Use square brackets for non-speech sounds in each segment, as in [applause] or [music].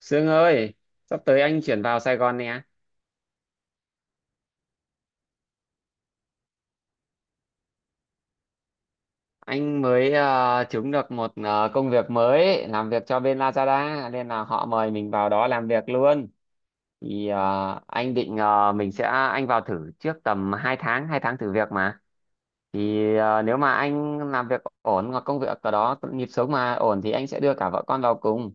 Sương ơi, sắp tới anh chuyển vào Sài Gòn nè. Anh mới trúng được một công việc mới làm việc cho bên Lazada nên là họ mời mình vào đó làm việc luôn. Thì anh định mình sẽ anh vào thử trước tầm 2 tháng thử việc mà. Thì nếu mà anh làm việc ổn hoặc công việc ở đó nhịp sống mà ổn thì anh sẽ đưa cả vợ con vào cùng.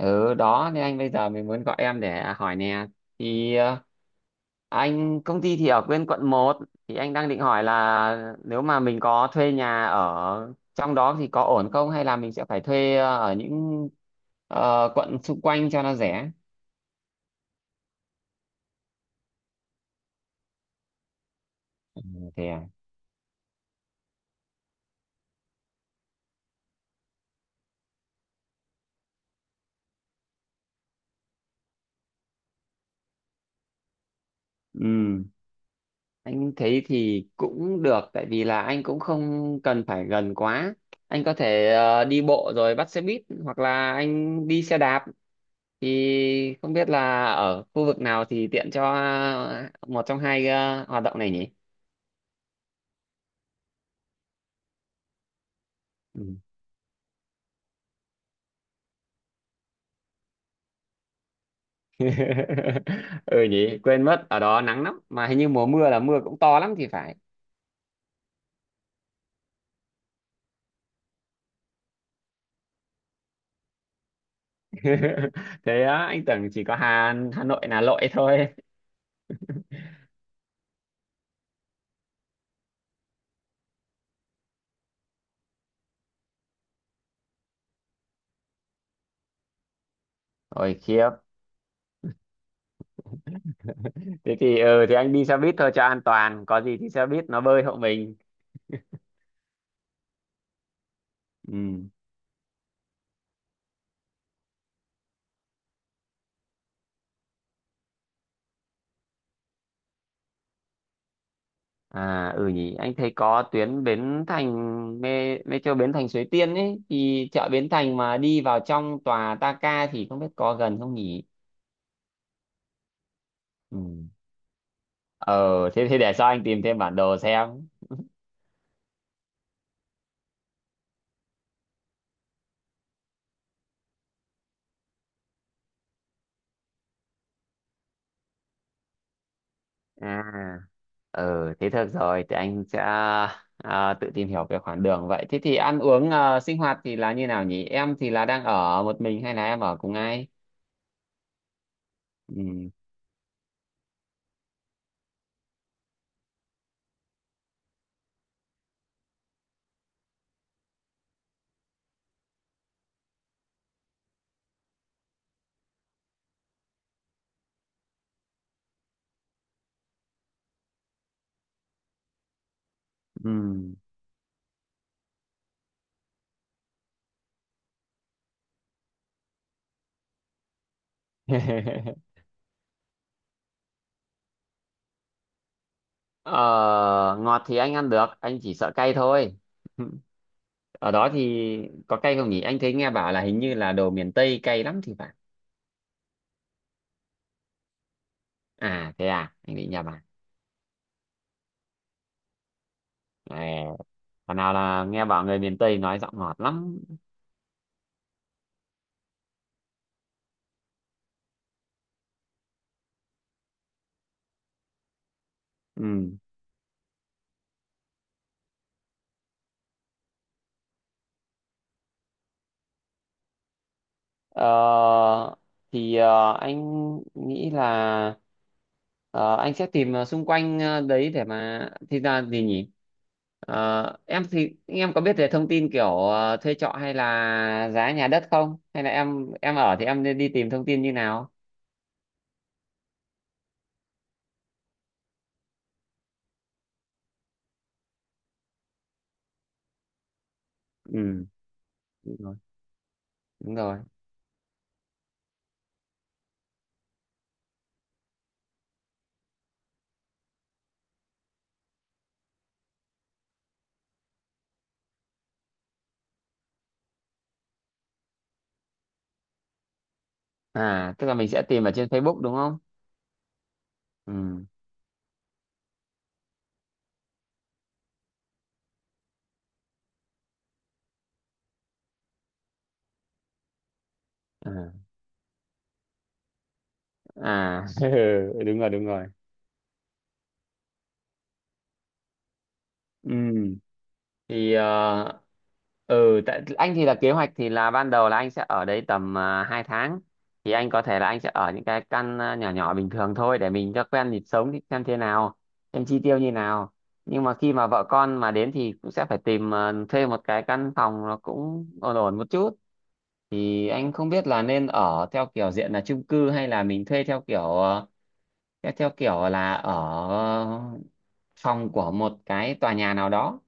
Ừ đó nên anh bây giờ mình muốn gọi em để hỏi nè. Thì anh công ty thì ở bên quận một, thì anh đang định hỏi là nếu mà mình có thuê nhà ở trong đó thì có ổn không, hay là mình sẽ phải thuê ở những quận xung quanh cho nó rẻ. Thế à? Ừ, anh thấy thì cũng được tại vì là anh cũng không cần phải gần quá. Anh có thể đi bộ rồi bắt xe buýt hoặc là anh đi xe đạp, thì không biết là ở khu vực nào thì tiện cho một trong hai hoạt động này nhỉ? [laughs] Ừ nhỉ, quên mất, ở đó nắng lắm mà hình như mùa mưa là mưa cũng to lắm thì phải. [laughs] Thế á, anh tưởng chỉ có Hà Hà Nội là lội thôi. Ôi khiếp, thế thì ừ thì anh đi xe buýt thôi cho an toàn, có gì thì xe buýt nó bơi hộ mình. Ừ. À ừ nhỉ, anh thấy có tuyến Bến Thành mê metro Bến Thành Suối Tiên ấy, thì chợ Bến Thành mà đi vào trong tòa Ta Ca thì không biết có gần không nhỉ? Ừ. Ờ, thế thì để sau anh tìm thêm bản đồ xem. À, ừ, thế được rồi, thì anh sẽ tự tìm hiểu về khoảng đường vậy. Thế thì ăn uống sinh hoạt thì là như nào nhỉ? Em thì là đang ở một mình hay là em ở cùng ai? Ừ. Ừ. [laughs] Ờ, ngọt thì anh ăn được, anh chỉ sợ cay thôi. [laughs] Ở đó thì có cay không nhỉ? Anh thấy nghe bảo là hình như là đồ miền Tây cay lắm thì phải. À, thế à, anh định nhà bà. À, còn nào là nghe bảo người miền Tây nói giọng ngọt lắm. Ừ. Ờ, thì anh nghĩ là anh sẽ tìm xung quanh đấy để mà thì ra gì nhỉ? Em thì em có biết về thông tin kiểu thuê trọ hay là giá nhà đất không? Hay là em ở thì em nên đi tìm thông tin như nào? Ừ, đúng rồi, đúng rồi. À, tức là mình sẽ tìm ở trên Facebook đúng không? Ừ. À, à. [laughs] Ừ, đúng rồi, đúng rồi. Ừ, thì ừ tại anh thì là kế hoạch thì là ban đầu là anh sẽ ở đấy tầm 2 tháng, thì anh có thể là anh sẽ ở những cái căn nhỏ nhỏ bình thường thôi để mình cho quen nhịp sống, thì xem thế nào, xem chi tiêu như nào. Nhưng mà khi mà vợ con mà đến thì cũng sẽ phải tìm thuê một cái căn phòng nó cũng ổn ổn một chút, thì anh không biết là nên ở theo kiểu diện là chung cư hay là mình thuê theo kiểu theo theo kiểu là ở phòng của một cái tòa nhà nào đó.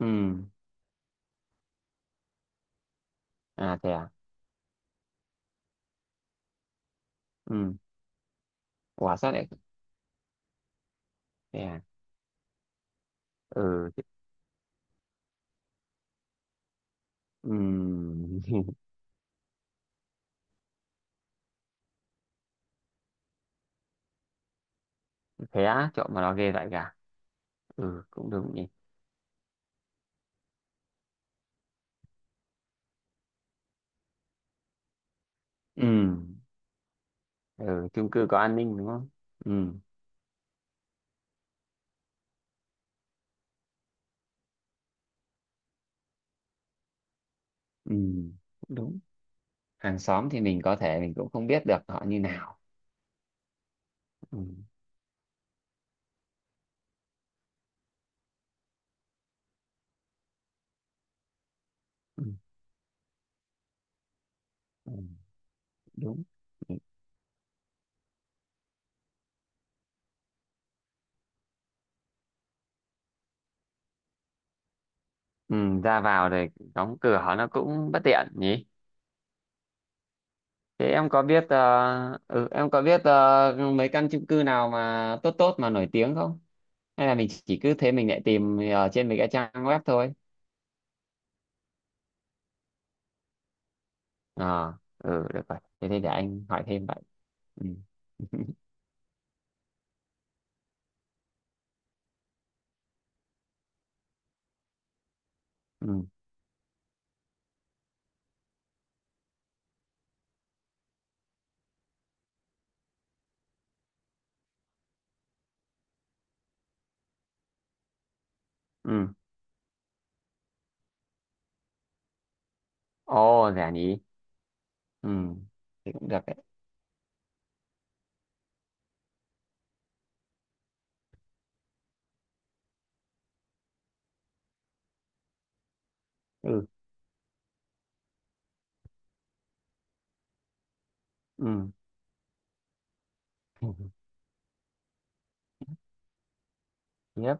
Ừ. À, thế à. Ừ. Quả sát đấy. Thế à. Ừ. Ừ. [laughs] Thế á, trộm mà nó ghê vậy cả. Ừ, cũng đúng nhỉ. Ừ. Ừ, chung cư có an ninh đúng không? Ừ. Ừ, cũng đúng. Hàng xóm thì mình có thể mình cũng không biết được họ như nào. Ừ. Ừ, ừ đúng. Ừ, ra vào rồi đóng cửa nó cũng bất tiện nhỉ. Thế em có biết ờ, ừ, em có biết mấy căn chung cư nào mà tốt tốt mà nổi tiếng không? Hay là mình chỉ cứ thế mình lại tìm ở trên mấy cái trang web thôi? Ờ, ừ, được rồi. Thế thì để anh hỏi thêm vậy. Ừ. [laughs] Ừ. Ừ. Ồ, rẻ nhỉ. Ừ, thì cũng được đấy. Ừ. Ừ. [laughs] Tiếp.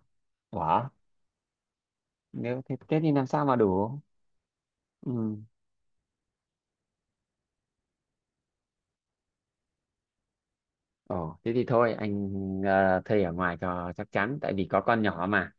Quả. Nếu thế Tết thì làm sao mà đủ? Ừ. Ồ, thế thì thôi, anh thuê ở ngoài cho chắc chắn, tại vì có con nhỏ mà.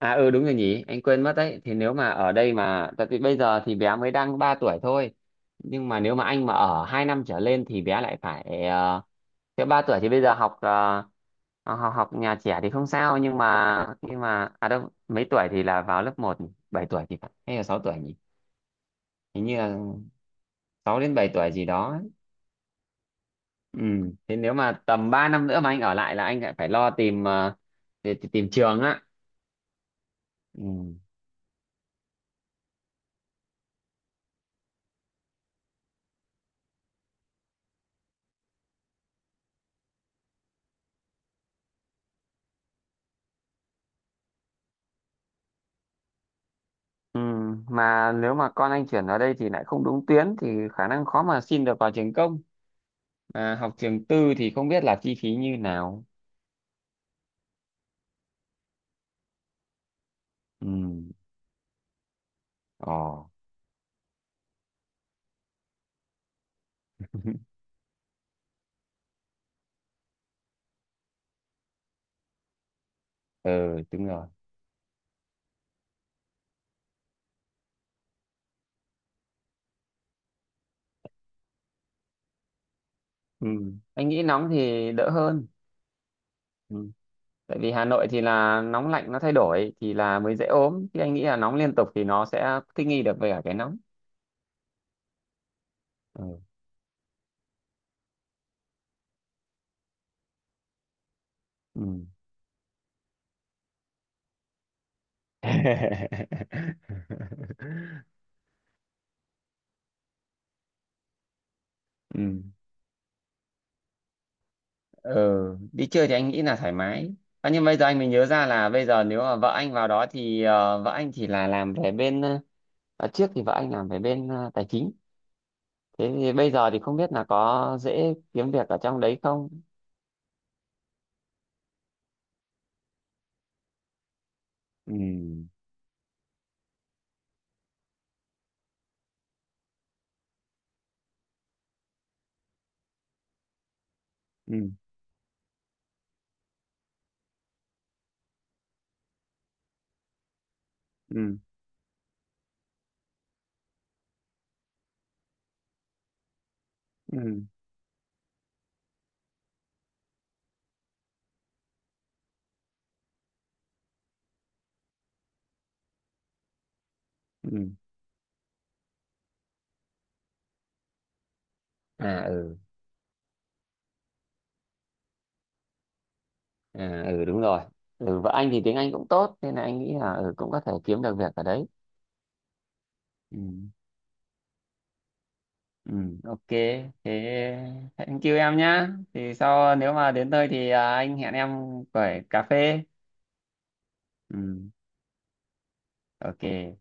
À ừ đúng rồi nhỉ, anh quên mất đấy. Thì nếu mà ở đây mà tại vì bây giờ thì bé mới đang 3 tuổi thôi. Nhưng mà nếu mà anh mà ở 2 năm trở lên thì bé lại phải uh, thế 3 tuổi thì bây giờ học học học nhà trẻ thì không sao, nhưng mà à đâu mấy tuổi thì là vào lớp một, 7 tuổi thì phải hay là 6 tuổi nhỉ? Hình như là 6 đến 7 tuổi gì đó ấy. Ừ, thế nếu mà tầm 3 năm nữa mà anh ở lại là anh lại phải lo tìm tìm tìm trường á. Ừ. Ừ, mà nếu mà con anh chuyển vào đây thì lại không đúng tuyến thì khả năng khó mà xin được vào trường công. Mà học trường tư thì không biết là chi phí như nào. Ừ. Ồ. [laughs] Ừ, đúng rồi. Ừ. Anh nghĩ nóng thì đỡ hơn. Ừ. Tại vì Hà Nội thì là nóng lạnh nó thay đổi thì là mới dễ ốm. Chứ anh nghĩ là nóng liên tục thì nó sẽ thích nghi được với cả cái nóng. Ừ. Ừ. [laughs] Ừ. Ừ, đi chơi thì anh nghĩ là thoải mái. À, nhưng bây giờ anh mới nhớ ra là bây giờ nếu mà vợ anh vào đó thì vợ anh thì là làm về bên à, trước thì vợ anh làm về bên tài chính, thế thì bây giờ thì không biết là có dễ kiếm việc ở trong đấy không. Ừ. Ừ. Ừ. Ừ. Ừ. À. Ừ. À. Ừ, đúng rồi. Ừ, vợ anh thì tiếng Anh cũng tốt nên là anh nghĩ là ừ cũng có thể kiếm được việc ở đấy. Ừ. Ừ, ok. Thế thank you em nhá. Thì sau nếu mà đến nơi thì anh hẹn em quẩy cà phê. Ừ, ok. Bye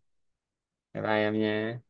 bye em nhé.